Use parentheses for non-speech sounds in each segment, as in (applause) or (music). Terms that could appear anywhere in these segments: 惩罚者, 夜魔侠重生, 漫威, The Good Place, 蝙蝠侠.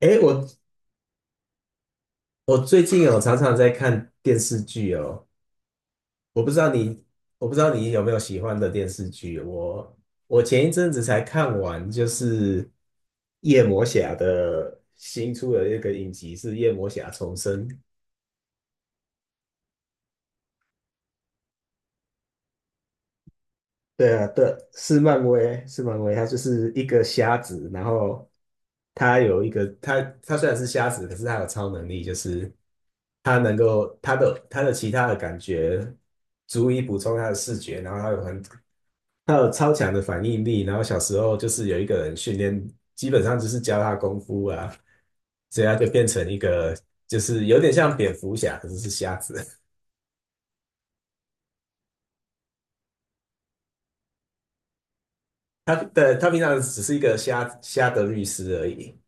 诶，我最近有常常在看电视剧哦。我不知道你，我不知道你有没有喜欢的电视剧。我前一阵子才看完，就是夜魔侠的新出的一个影集，是夜魔侠重生。对啊，对，是漫威，是漫威，他就是一个瞎子，然后他有一个，他虽然是瞎子，可是他有超能力，就是他能够他的其他的感觉足以补充他的视觉，然后他有超强的反应力，然后小时候就是有一个人训练，基本上就是教他功夫啊，所以他就变成一个，就是有点像蝙蝠侠，可是是瞎子。(laughs) 他平常只是一个瞎瞎的律师而已。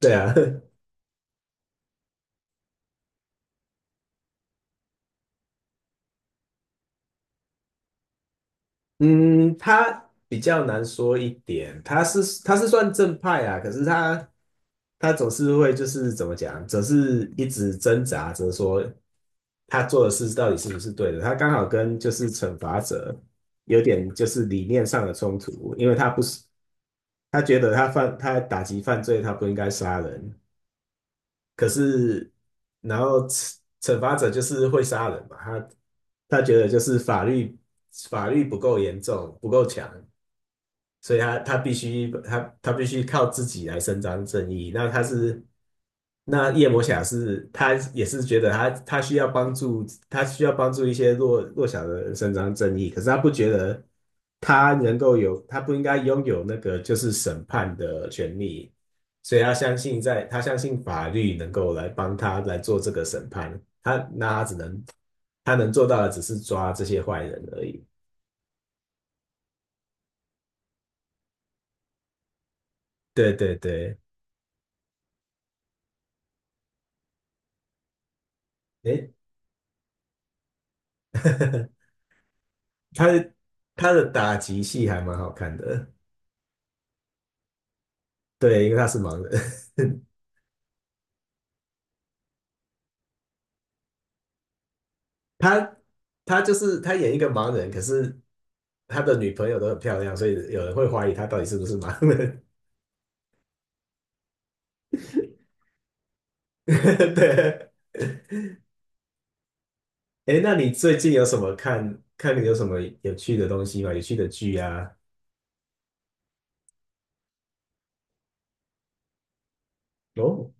对啊，(laughs) 嗯，他比较难说一点，他算正派啊，可是他总是会就是怎么讲，总是一直挣扎着说他做的事到底是不是对的。他刚好跟就是惩罚者有点就是理念上的冲突，因为他不是他觉得他打击犯罪，他不应该杀人，可是然后惩罚者就是会杀人嘛，他觉得就是法律不够严重，不够强，所以他必须靠自己来伸张正义。那夜魔侠是他也是觉得他需要帮助，他需要帮助一些弱小的人伸张正义，可是他不觉得他不应该拥有那个就是审判的权利，所以他相信法律能够来帮他来做这个审判，他那他只能他能做到的只是抓这些坏人而已。对对对，诶，(laughs) 他他的打击戏还蛮好看的。对，因为他是盲人。(laughs) 他他就是他演一个盲人，可是他的女朋友都很漂亮，所以有人会怀疑他到底是不是盲人。(laughs) 对。哎，那你最近有什么有趣的东西吗？有趣的剧啊？哦，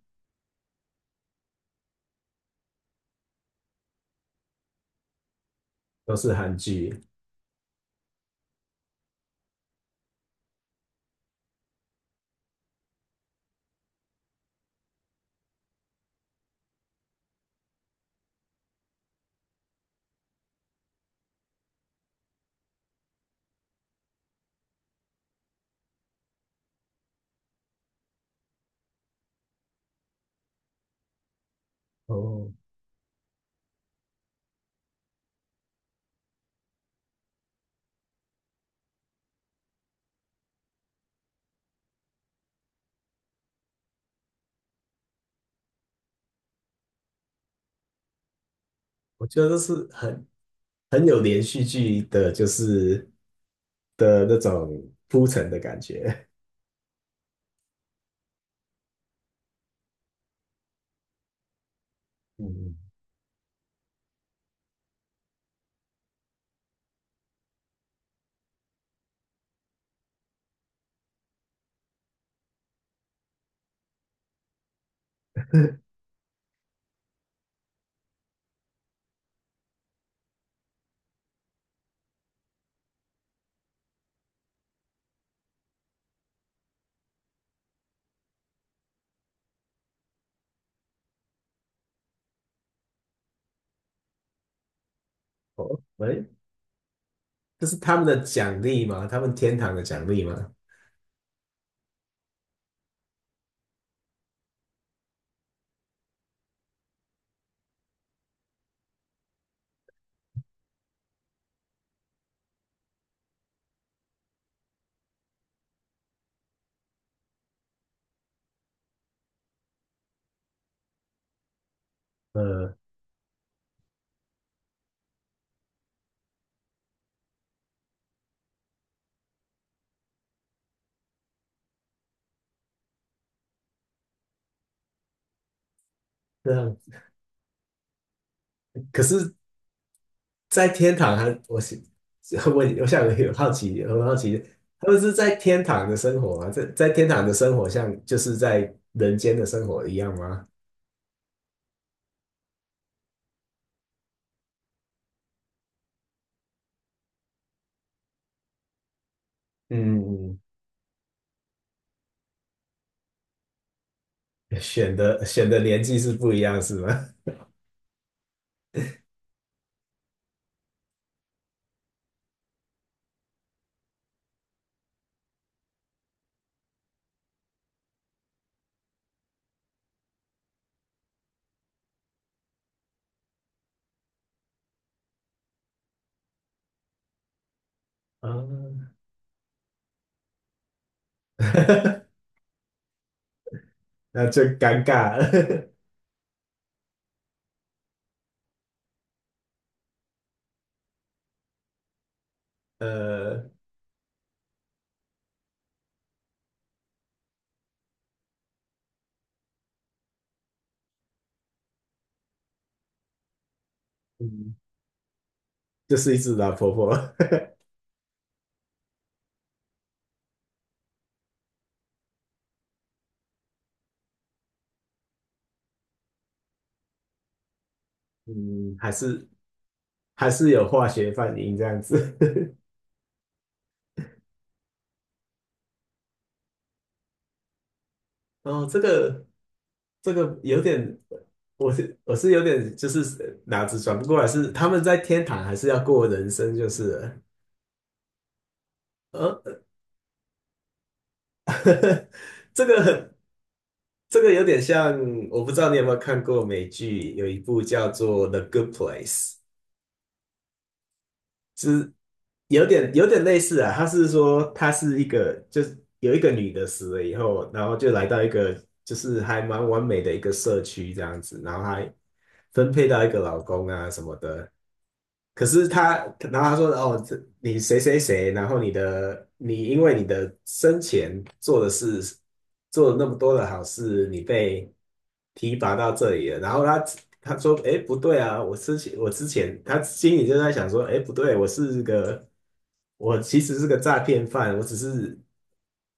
都是韩剧哦。我觉得都是很有连续剧的，的那种铺陈的感觉。嗯，(laughs) 哦，喂，这是他们的奖励吗？他们天堂的奖励吗？呃，这样。可是，在天堂还，我是 (laughs) 我我想有好奇，很好奇，他们是在天堂的生活吗？在天堂的生活像就是在人间的生活一样吗？嗯，选的年纪是不一样是吗？啊，(laughs) 那就尴尬了。(laughs) 呃，嗯，就是一只老婆婆，(laughs) 嗯，还是有化学反应这样子。(laughs) 哦，这个。这个有点，我是有点就是脑子转不过来，是他们在天堂还是要过人生，就是了呃，(laughs) 这个这个有点像，我不知道你有没有看过美剧，有一部叫做《The Good Place》，就是有点类似啊，他是说他是一个就是有一个女的死了以后，然后就来到一个就是还蛮完美的一个社区这样子，然后还分配到一个老公啊什么的。可是他，然后他说哦，这你谁谁谁，然后你因为你的生前做的事，做了那么多的好事，你被提拔到这里了。然后他说，哎，不对啊，我之前我之前他心里就在想说，哎，不对，我其实是个诈骗犯，我只是，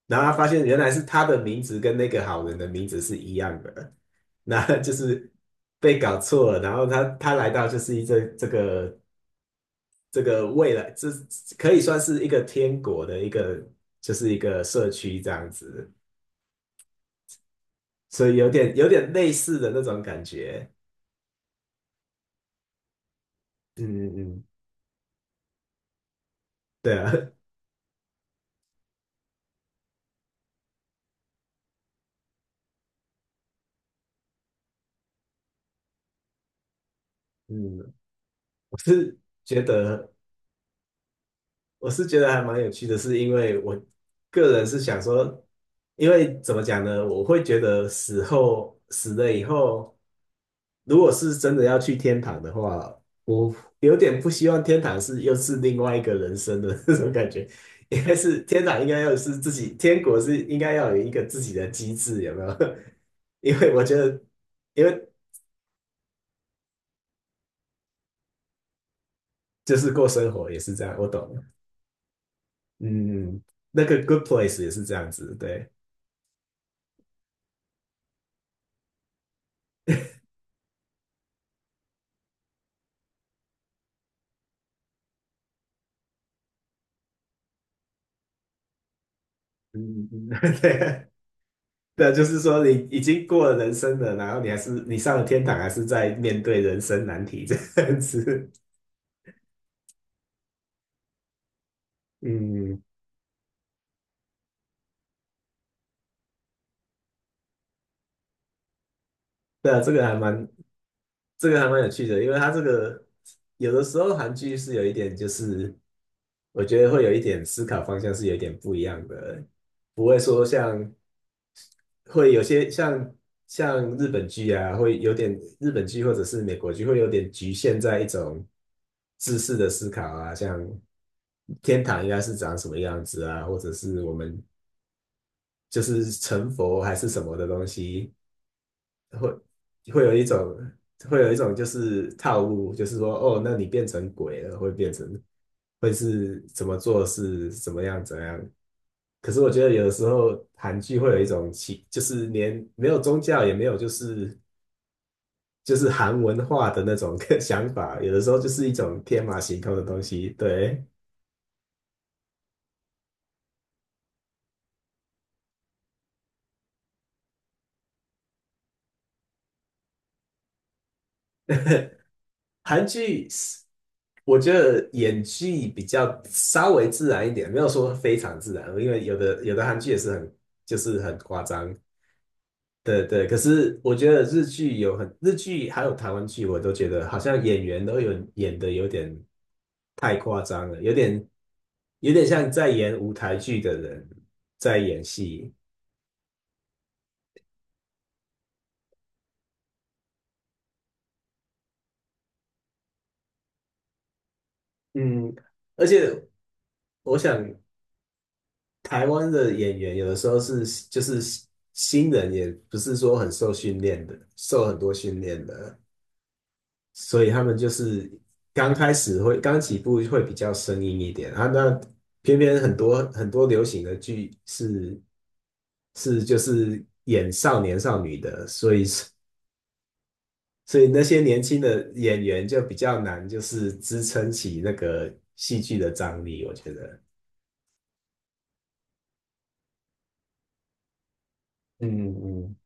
然后他发现原来是他的名字跟那个好人的名字是一样的，(laughs) 那就是被搞错了。然后他来到就是这个。这个未来，这可以算是一个天国的一个，就是一个社区这样子，所以有点类似的那种感觉。嗯嗯嗯，对啊，嗯，我是觉得我是觉得还蛮有趣的，是因为我个人是想说，因为怎么讲呢，我会觉得死了以后。如果是真的要去天堂的话，我有点不希望天堂是又是另外一个人生的那种感觉，应该是天堂应该要是自己，天国是应该要有一个自己的机制，有没有？(laughs) 因为我觉得，因为就是过生活也是这样，我懂。嗯，那个 Good Place 也是这样子，对。嗯，嗯嗯 (laughs) 对，对，就是说你已经过了人生了，然后你还是你上了天堂，还是在面对人生难题这样子。嗯，对啊，这个还蛮有趣的，因为它这个有的时候韩剧是有一点，就是我觉得会有一点思考方向是有一点不一样的，不会说像会有些像日本剧啊，会有点日本剧或者是美国剧会有点局限在一种知识的思考啊，像天堂应该是长什么样子啊，或者是我们就是成佛还是什么的东西。会有一种就是套路，就是说哦，那你变成鬼了，会变成会是怎么做是怎么样怎样。可是我觉得有的时候韩剧会有一种奇，就是连没有宗教也没有就是韩文化的那种 (laughs) 想法，有的时候就是一种天马行空的东西。对，韩剧是我觉得演技比较稍微自然一点，没有说非常自然，因为有的韩剧也是很很夸张，对对，可是我觉得日剧还有台湾剧，我都觉得好像演员都有演的有点太夸张了，有点像在演舞台剧的人在演戏。嗯，而且我想台湾的演员有的时候是就是新人，也不是说很受训练的，受很多训练的。所以他们就是刚起步会比较生硬一点啊，那偏偏很多流行的剧是是就是演少年少女的，所以所以那些年轻的演员就比较难，就是支撑起那个戏剧的张力，我觉得。嗯嗯，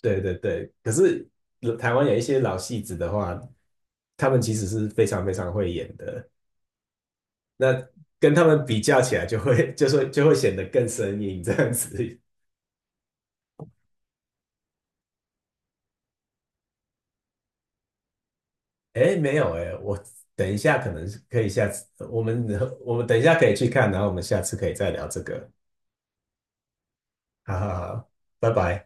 对对对，可是台湾有一些老戏子的话，他们其实是非常非常会演的。那跟他们比较起来，就会显得更生硬这样子。哎，没有哎，等一下可能可以下次，我们等一下可以去看，然后我们下次可以再聊这个。好好好，拜拜。